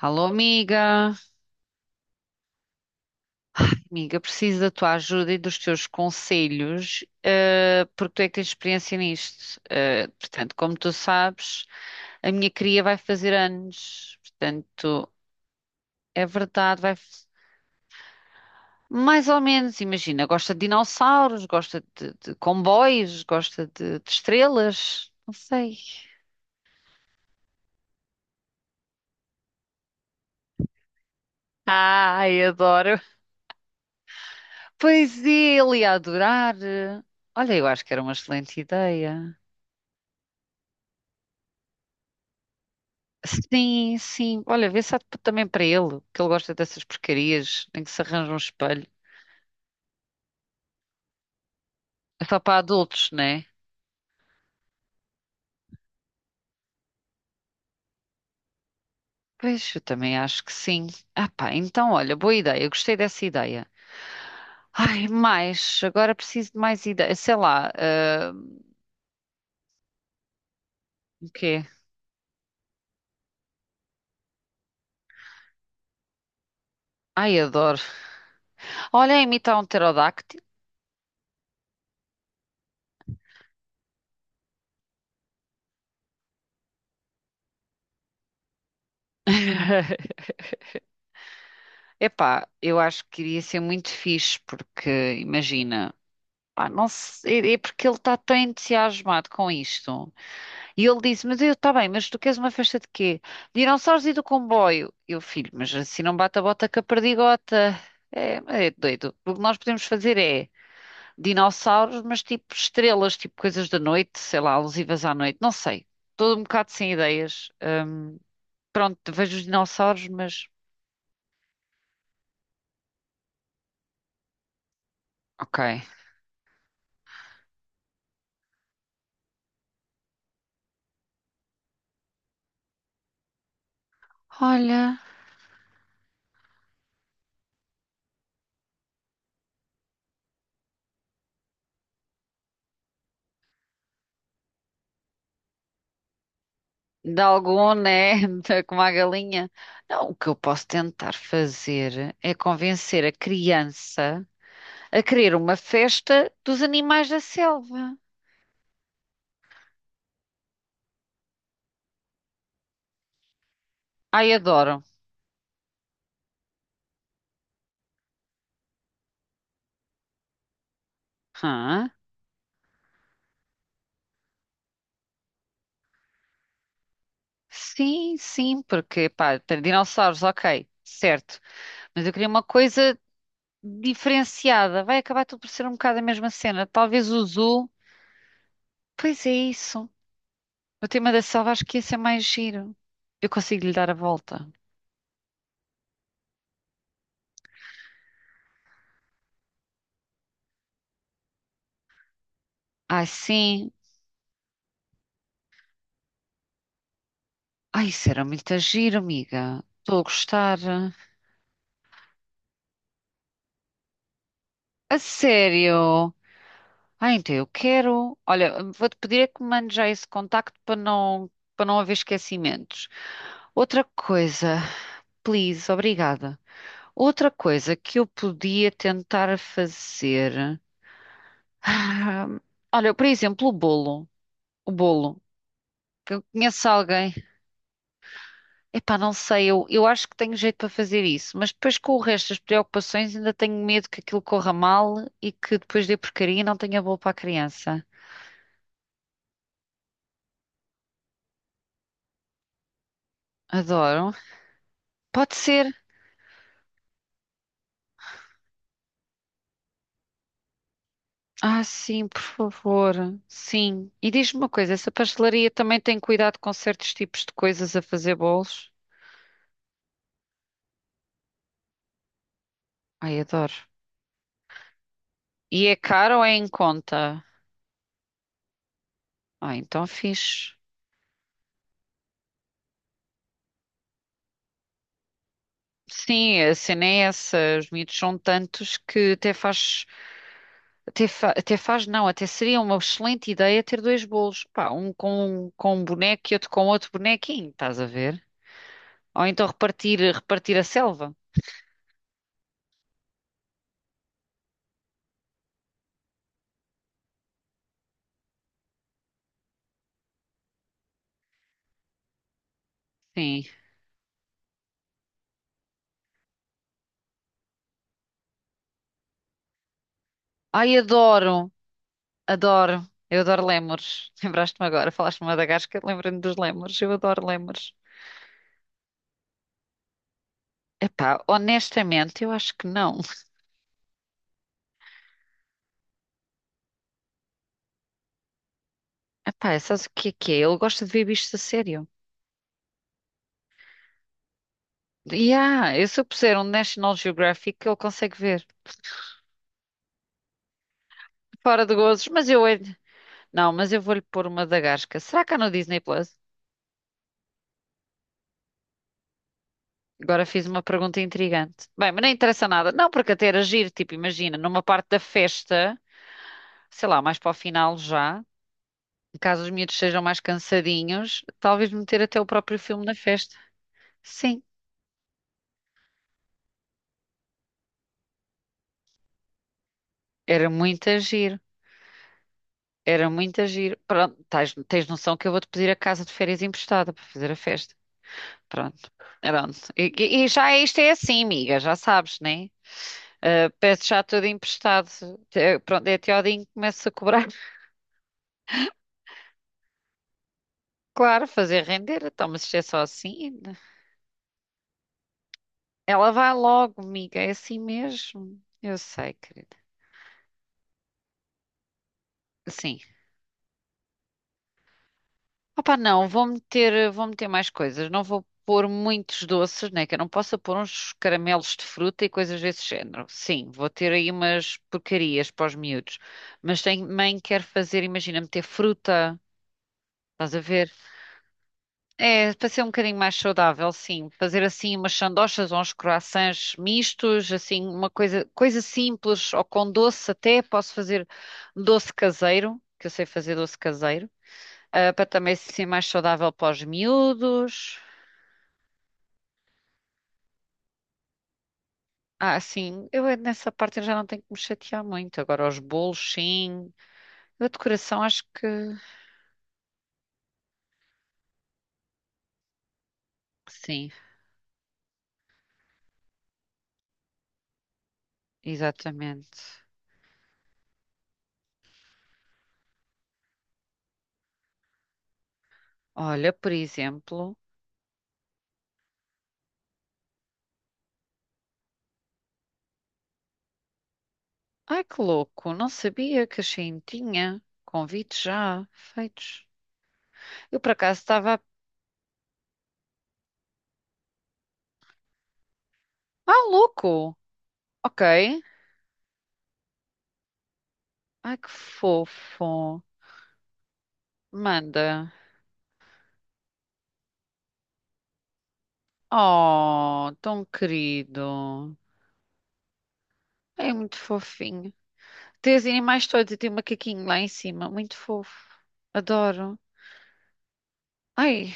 Alô, amiga. Amiga, preciso da tua ajuda e dos teus conselhos, porque tu é que tens experiência nisto. Portanto, como tu sabes, a minha cria vai fazer anos. Portanto, é verdade, vai. Mais ou menos, imagina, gosta de dinossauros, gosta de comboios, gosta de estrelas, não sei. Ai, adoro. Pois é, ele ia adorar. Olha, eu acho que era uma excelente ideia. Sim, sim. Olha, vê se há também para ele, que ele gosta dessas porcarias, tem que se arranja um espelho. É só para adultos, não é? Pois, eu também acho que sim. Ah pá, então olha, boa ideia, eu gostei dessa ideia. Ai, mais, agora preciso de mais ideias. Sei lá, o quê? Ai, adoro. Olha, imitar um pterodáctilo. Epá, eu acho que iria ser muito fixe, porque imagina, pá, não sei, é porque ele está tão entusiasmado com isto. E ele disse: Mas eu, está bem, mas tu queres uma festa de quê? De dinossauros e do comboio. Eu, filho, mas assim não bate a bota com a perdigota. É, mas é doido. O que nós podemos fazer é dinossauros, mas tipo estrelas, tipo coisas da noite, sei lá, alusivas à noite, não sei. Estou um bocado sem ideias. Pronto, vejo os dinossauros, mas. Ok. Olha, de algum, né? Como a galinha. Não, o que eu posso tentar fazer é convencer a criança a querer uma festa dos animais da selva. Ai, adoro. Hã? Sim, sim, porque, pá, tem dinossauros, ok, certo. Mas eu queria uma coisa diferenciada. Vai acabar tudo por ser um bocado a mesma cena. Talvez o zoo. Pois é isso. O tema da selva acho que ia ser mais giro. Eu consigo lhe dar a volta. Ai, sim. Ai, isso era muito giro, amiga. Estou a gostar. A sério? Ah, então eu quero. Olha, vou-te pedir é que me mandes já esse contacto para não haver esquecimentos. Outra coisa, please, obrigada. Outra coisa que eu podia tentar fazer. Ah, Olha, por exemplo, o bolo. O bolo. Que eu conheço alguém. Epá, não sei, eu acho que tenho jeito para fazer isso, mas depois com o resto das preocupações ainda tenho medo que aquilo corra mal e que depois dê porcaria e não tenha bolo para a criança. Adoro. Pode ser. Ah, sim, por favor. Sim. E diz-me uma coisa, essa pastelaria também tem cuidado com certos tipos de coisas a fazer bolos? Ai, adoro. E é caro ou é em conta? Ah, então fixe. Sim, a cena é essa. Os miúdos são tantos que até faz, até fa- até faz, não, até seria uma excelente ideia ter dois bolos. Pá, um com um boneco e outro com outro bonequinho, estás a ver? Ou então repartir a selva. Sim. Ai, adoro. Adoro, eu adoro lémures. Lembraste-me agora, falaste de Madagascar, lembrei-me dos lémures, eu adoro lémures. Epá, honestamente, eu acho que não. Epá, sabes o que é que é? Ele gosta de ver bichos a sério. E ah, eu se eu puser um National Geographic, ele consegue ver. Fora de gozos, mas eu... é- Não, mas eu vou-lhe pôr uma Madagascar. Será que há no Disney Plus? Agora fiz uma pergunta intrigante. Bem, mas não interessa nada. Não, porque até era giro, tipo, imagina, numa parte da festa, sei lá, mais para o final já. Caso os miúdos sejam mais cansadinhos, talvez meter até o próprio filme na festa. Sim, era muito agir. Era muito agir. Pronto, tens noção que eu vou-te pedir a casa de férias emprestada para fazer a festa. Pronto, pronto. Isto é assim, amiga, já sabes, né? É? Peço já tudo emprestado. Pronto, é até ao dia em que começo a cobrar. Claro, fazer render. Então, mas isto é só assim. Ela vai logo, amiga, é assim mesmo. Eu sei, querida. Sim. Opa, não, vou meter mais coisas. Não vou pôr muitos doces, né? Que eu não possa pôr uns caramelos de fruta e coisas desse género. Sim, vou ter aí umas porcarias para os miúdos. Mas também quero fazer, imagina, meter fruta, estás a ver? É, para ser um bocadinho mais saudável, sim. Fazer assim umas sandochas ou uns croissants mistos, assim, uma coisa simples ou com doce até. Posso fazer doce caseiro, que eu sei fazer doce caseiro para também ser mais saudável para os miúdos. Ah, sim, eu nessa parte eu já não tenho que me chatear muito. Agora, os bolos, sim. A decoração, acho que sim, exatamente. Olha, por exemplo, ai que louco, não sabia que a Shein tinha convites já feitos. Eu por acaso estava. Ah, louco! Ok. Ai que fofo. Manda. Oh, tão querido. É muito fofinho. Tem os animais todos e tem um macaquinho lá em cima. Muito fofo. Adoro. Ai,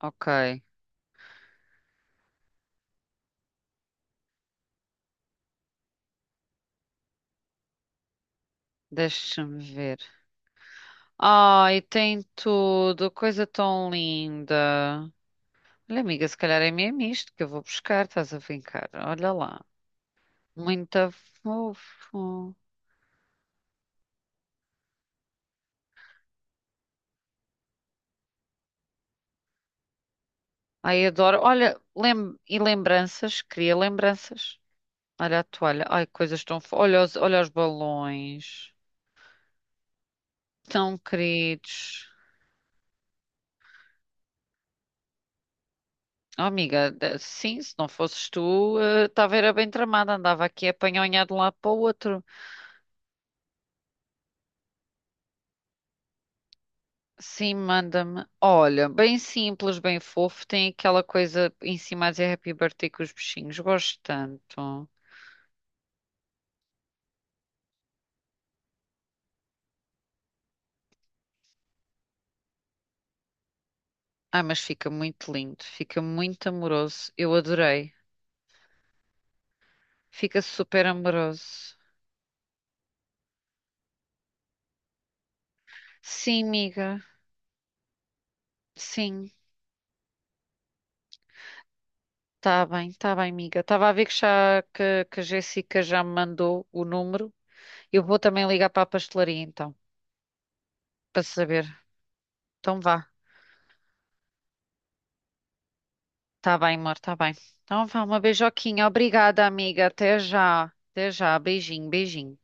ok. Deixa-me ver. Ai, tem tudo. Coisa tão linda. Olha, amiga, se calhar é mesmo isto que eu vou buscar. Estás a brincar. Olha lá. Muito fofo. Ai, adoro. Olha, lembranças. Cria lembranças. Olha a toalha. Ai, coisas tão fofas. Olha os balões. Tão queridos. Oh, amiga, sim, se não fosses tu, estava era bem tramada, andava aqui a apanhonhar de um lado para o outro. Sim, manda-me. Olha, bem simples, bem fofo, tem aquela coisa em cima a dizer Happy Birthday com os bichinhos, gosto tanto. Ah, mas fica muito lindo, fica muito amoroso, eu adorei. Fica super amoroso. Sim, amiga, sim, tá bem, amiga. Estava a ver que a Jéssica já me mandou o número. Eu vou também ligar para a pastelaria então, para saber. Então vá. Tá bem, amor, tá bem. Então vá, uma beijoquinha. Obrigada, amiga. Até já. Até já. Beijinho, beijinho.